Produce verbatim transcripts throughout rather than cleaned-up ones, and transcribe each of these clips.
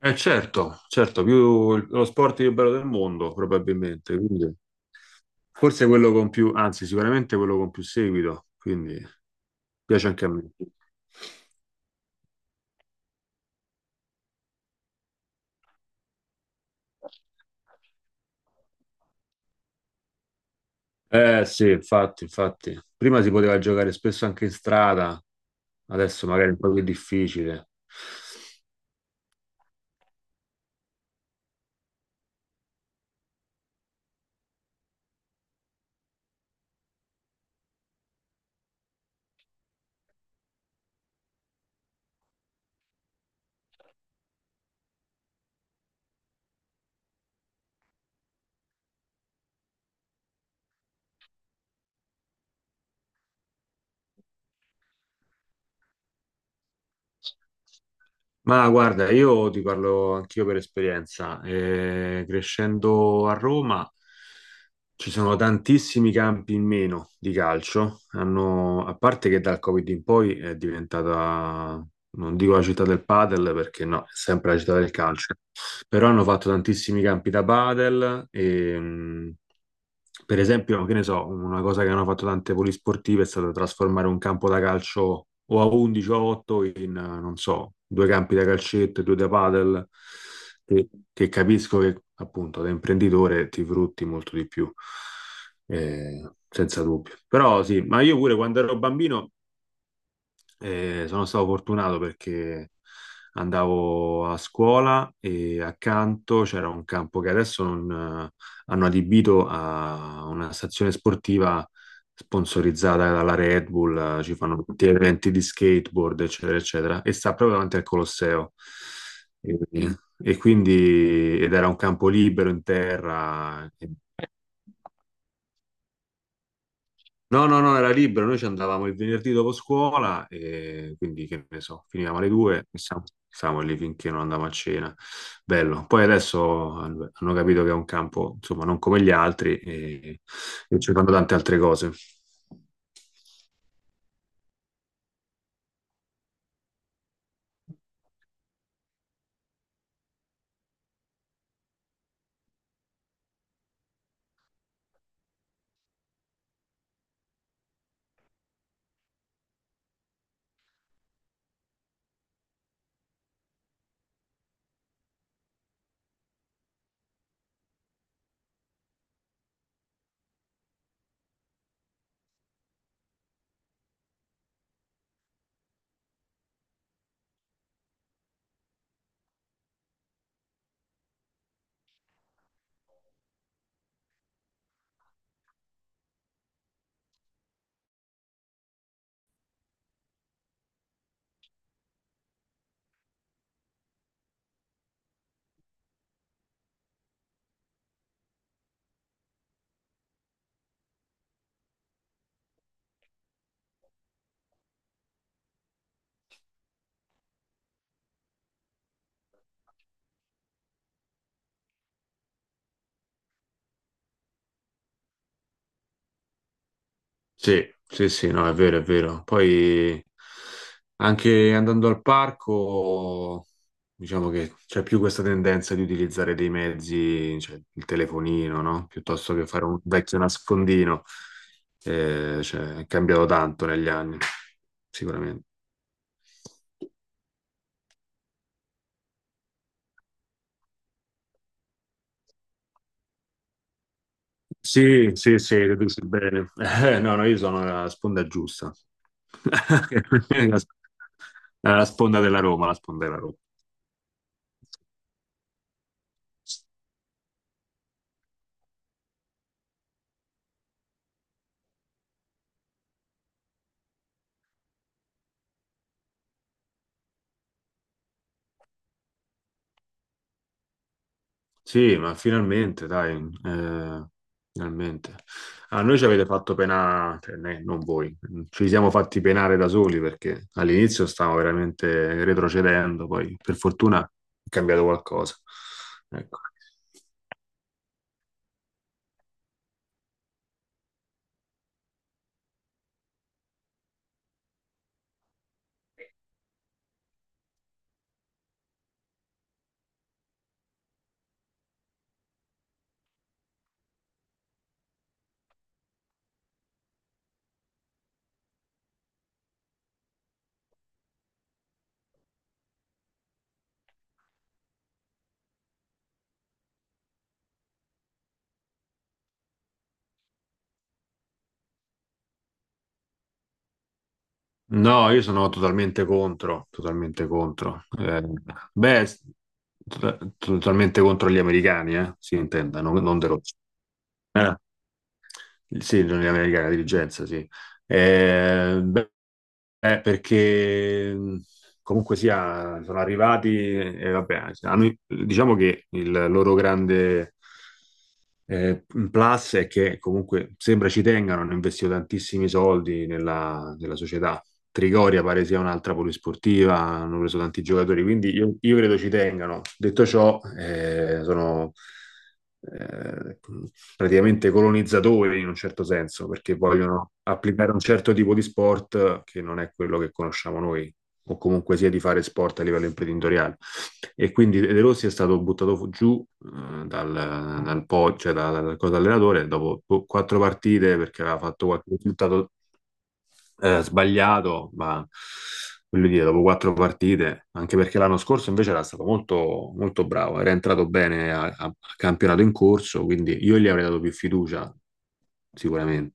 Eh certo, certo, più lo sport più bello del mondo probabilmente, quindi forse quello con più, anzi sicuramente quello con più seguito, quindi piace anche a me. Eh sì, infatti, infatti. Prima si poteva giocare spesso anche in strada, adesso magari è un po' più difficile. Ma guarda, io ti parlo anch'io per esperienza. Eh, crescendo a Roma ci sono tantissimi campi in meno di calcio. Hanno- a parte che dal Covid in poi è diventata, non dico la città del padel perché no, è sempre la città del calcio, però hanno fatto tantissimi campi da padel e, mh, per esempio, che ne so, una cosa che hanno fatto tante polisportive è stata trasformare un campo da calcio o a undici o a otto in, eh, non so, due campi da calcetto e due da padel, che, che capisco che appunto da imprenditore ti frutti molto di più, eh, senza dubbio. Però sì, ma io pure quando ero bambino e sono stato fortunato perché andavo a scuola e accanto c'era un campo che adesso non, eh, hanno adibito a una stazione sportiva sponsorizzata dalla Red Bull, eh, ci fanno tutti eventi di skateboard, eccetera, eccetera, e sta proprio davanti al Colosseo. E, e quindi, ed era un campo libero in terra, e no, no, no, era libero, noi ci andavamo il venerdì dopo scuola e quindi che ne so, finivamo alle due e stavamo, stavamo lì finché non andavamo a cena. Bello. Poi adesso hanno hanno capito che è un campo, insomma, non come gli altri e, e ci fanno tante altre cose. Sì, sì, sì, no, è vero, è vero. Poi anche andando al parco, diciamo che c'è più questa tendenza di utilizzare dei mezzi, cioè il telefonino, no? Piuttosto che fare un vecchio nascondino. Eh, cioè, è cambiato tanto negli anni, sicuramente. Sì, sì, sì, riduce il bene. Eh, no, no, io sono la sponda giusta. La sponda della Roma, la sponda della Roma. Sì, ma finalmente, dai, eh, finalmente. A noi ci avete fatto penare, cioè, ne- non voi, ci siamo fatti penare da soli perché all'inizio stavamo veramente retrocedendo, poi per fortuna è cambiato qualcosa. Ecco. No, io sono totalmente contro, totalmente contro. Eh, beh, to- totalmente contro gli americani, eh, si intenda, non, non De Rossi. Eh sì, gli americani, la dirigenza, sì. Eh, beh, Eh, perché mh, Comunque sia, sono arrivati e vabbè, hanno- diciamo che il loro grande eh, un plus è che comunque sembra ci tengano, hanno investito tantissimi soldi nella, nella società. Trigoria pare sia un'altra polisportiva, hanno preso tanti giocatori, quindi io, io credo ci tengano. Detto ciò, eh, sono eh, praticamente colonizzatori in un certo senso, perché vogliono applicare un certo tipo di sport che non è quello che conosciamo noi o comunque sia di fare sport a livello imprenditoriale. E quindi De Rossi è stato buttato giù eh, dal, dal po', cioè dal, dal corpo allenatore dopo po- quattro partite perché aveva fatto qualche risultato eh, sbagliato, ma voglio dire, dopo quattro partite, anche perché l'anno scorso invece era stato molto, molto bravo, era entrato bene a, a- a campionato in corso, quindi io gli avrei dato più fiducia, sicuramente.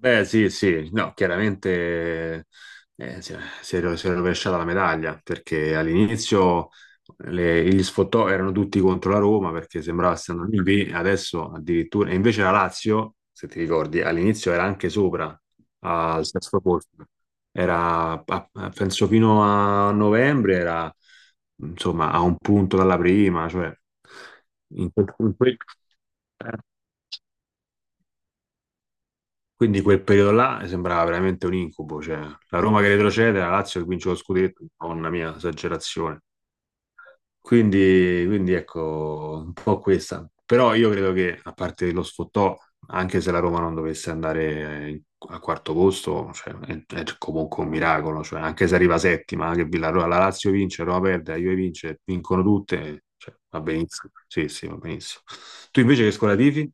Beh, sì, sì, no, chiaramente eh, si è, si è ro- si è rovesciata la medaglia perché all'inizio le- gli sfottò erano tutti contro la Roma perché sembrava stiano lì, lì, adesso addirittura, e invece la Lazio, se ti ricordi, all'inizio era anche sopra al sesto posto, era a- a- penso fino a novembre, era insomma a un punto dalla prima, cioè in quel, in quel- quindi quel periodo là sembrava veramente un incubo, cioè la Roma che retrocede, la Lazio che vince lo scudetto, madonna mia, esagerazione. Quindi, quindi ecco, un po' questa. Però io credo che, a parte lo sfottò, anche se la Roma non dovesse andare eh, a quarto posto, cioè, è, è comunque un miracolo, cioè, anche se arriva settima, che la, la Lazio vince, la Roma perde, la Juve vince, vincono tutte, cioè, va benissimo. Sì, sì, va benissimo. Tu invece che scuola tifi?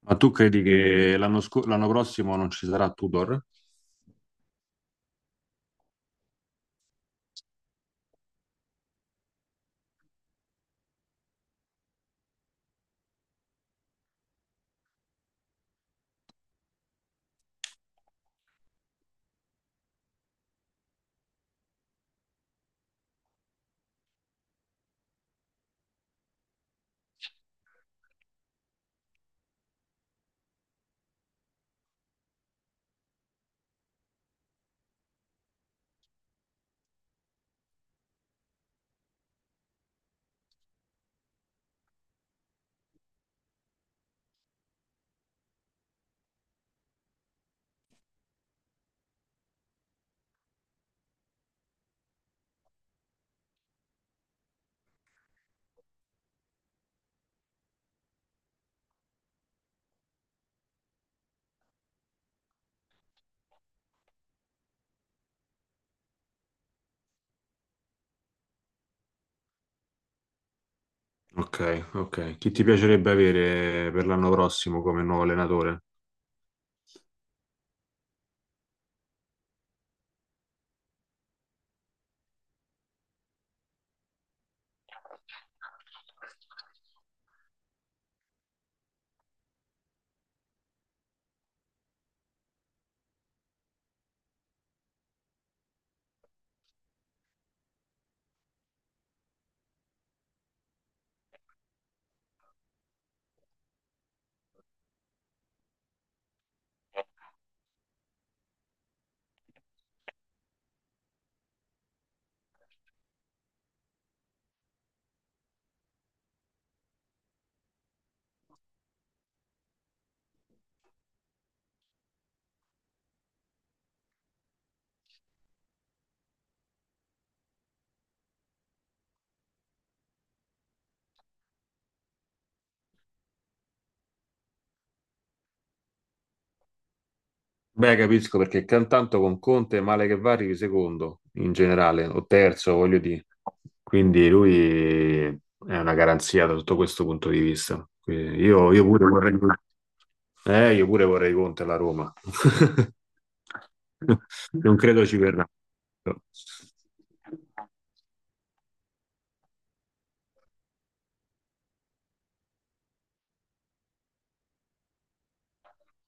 Ma tu credi che l'anno sco- l'anno prossimo non ci sarà Tudor? Ok, ok. Chi ti piacerebbe avere per l'anno prossimo come nuovo allenatore? Beh, capisco perché cantanto con Conte, male che va, arrivi secondo in generale, o terzo, voglio dire. Quindi lui è una garanzia da tutto questo punto di vista. Quindi Io, io pure vorrei, eh, io pure vorrei Conte alla Roma. Non credo ci verrà.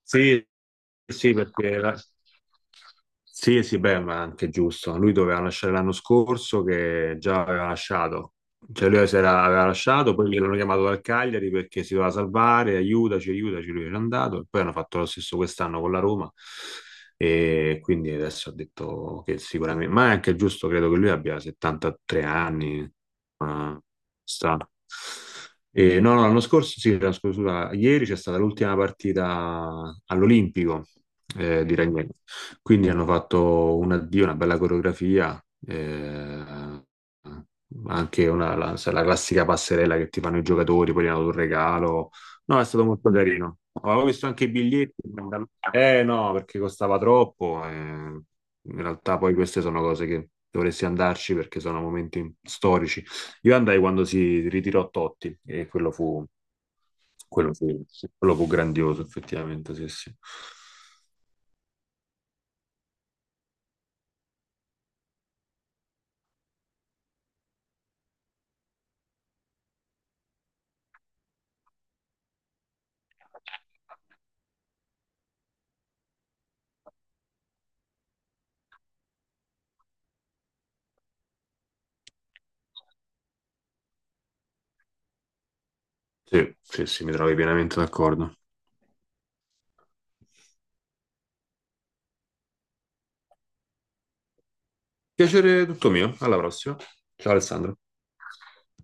Sì, sì, perché la- sì, sì, beh, ma anche giusto. Lui doveva lasciare l'anno scorso, che già aveva lasciato. Cioè lui si era- aveva lasciato, poi l'hanno chiamato dal Cagliari perché si doveva salvare, aiutaci, aiutaci, lui era andato, e poi hanno fatto lo stesso quest'anno con la Roma e quindi adesso ha detto che sicuramente, ma è anche giusto, credo che lui abbia settantatré anni, ma sta. E, no, no, l'anno scorso, sì, l'anno scorso, scusa, ieri c'è stata l'ultima partita all'Olimpico eh, di Ragnello. Quindi hanno fatto un addio, una bella coreografia, eh, anche una, la, sai, la classica passerella che ti fanno i giocatori, poi gli hanno dato un regalo. No, è stato molto carino. Avevo visto anche i biglietti, eh no, perché costava troppo. eh. In realtà poi queste sono cose che dovresti andarci perché sono momenti storici. Io andai quando si ritirò Totti e quello fu, quello fu, sì, quello fu grandioso, effettivamente. Sì, sì. Sì, sì, sì, mi trovi pienamente d'accordo. Piacere tutto mio. Alla prossima. Ciao Alessandro.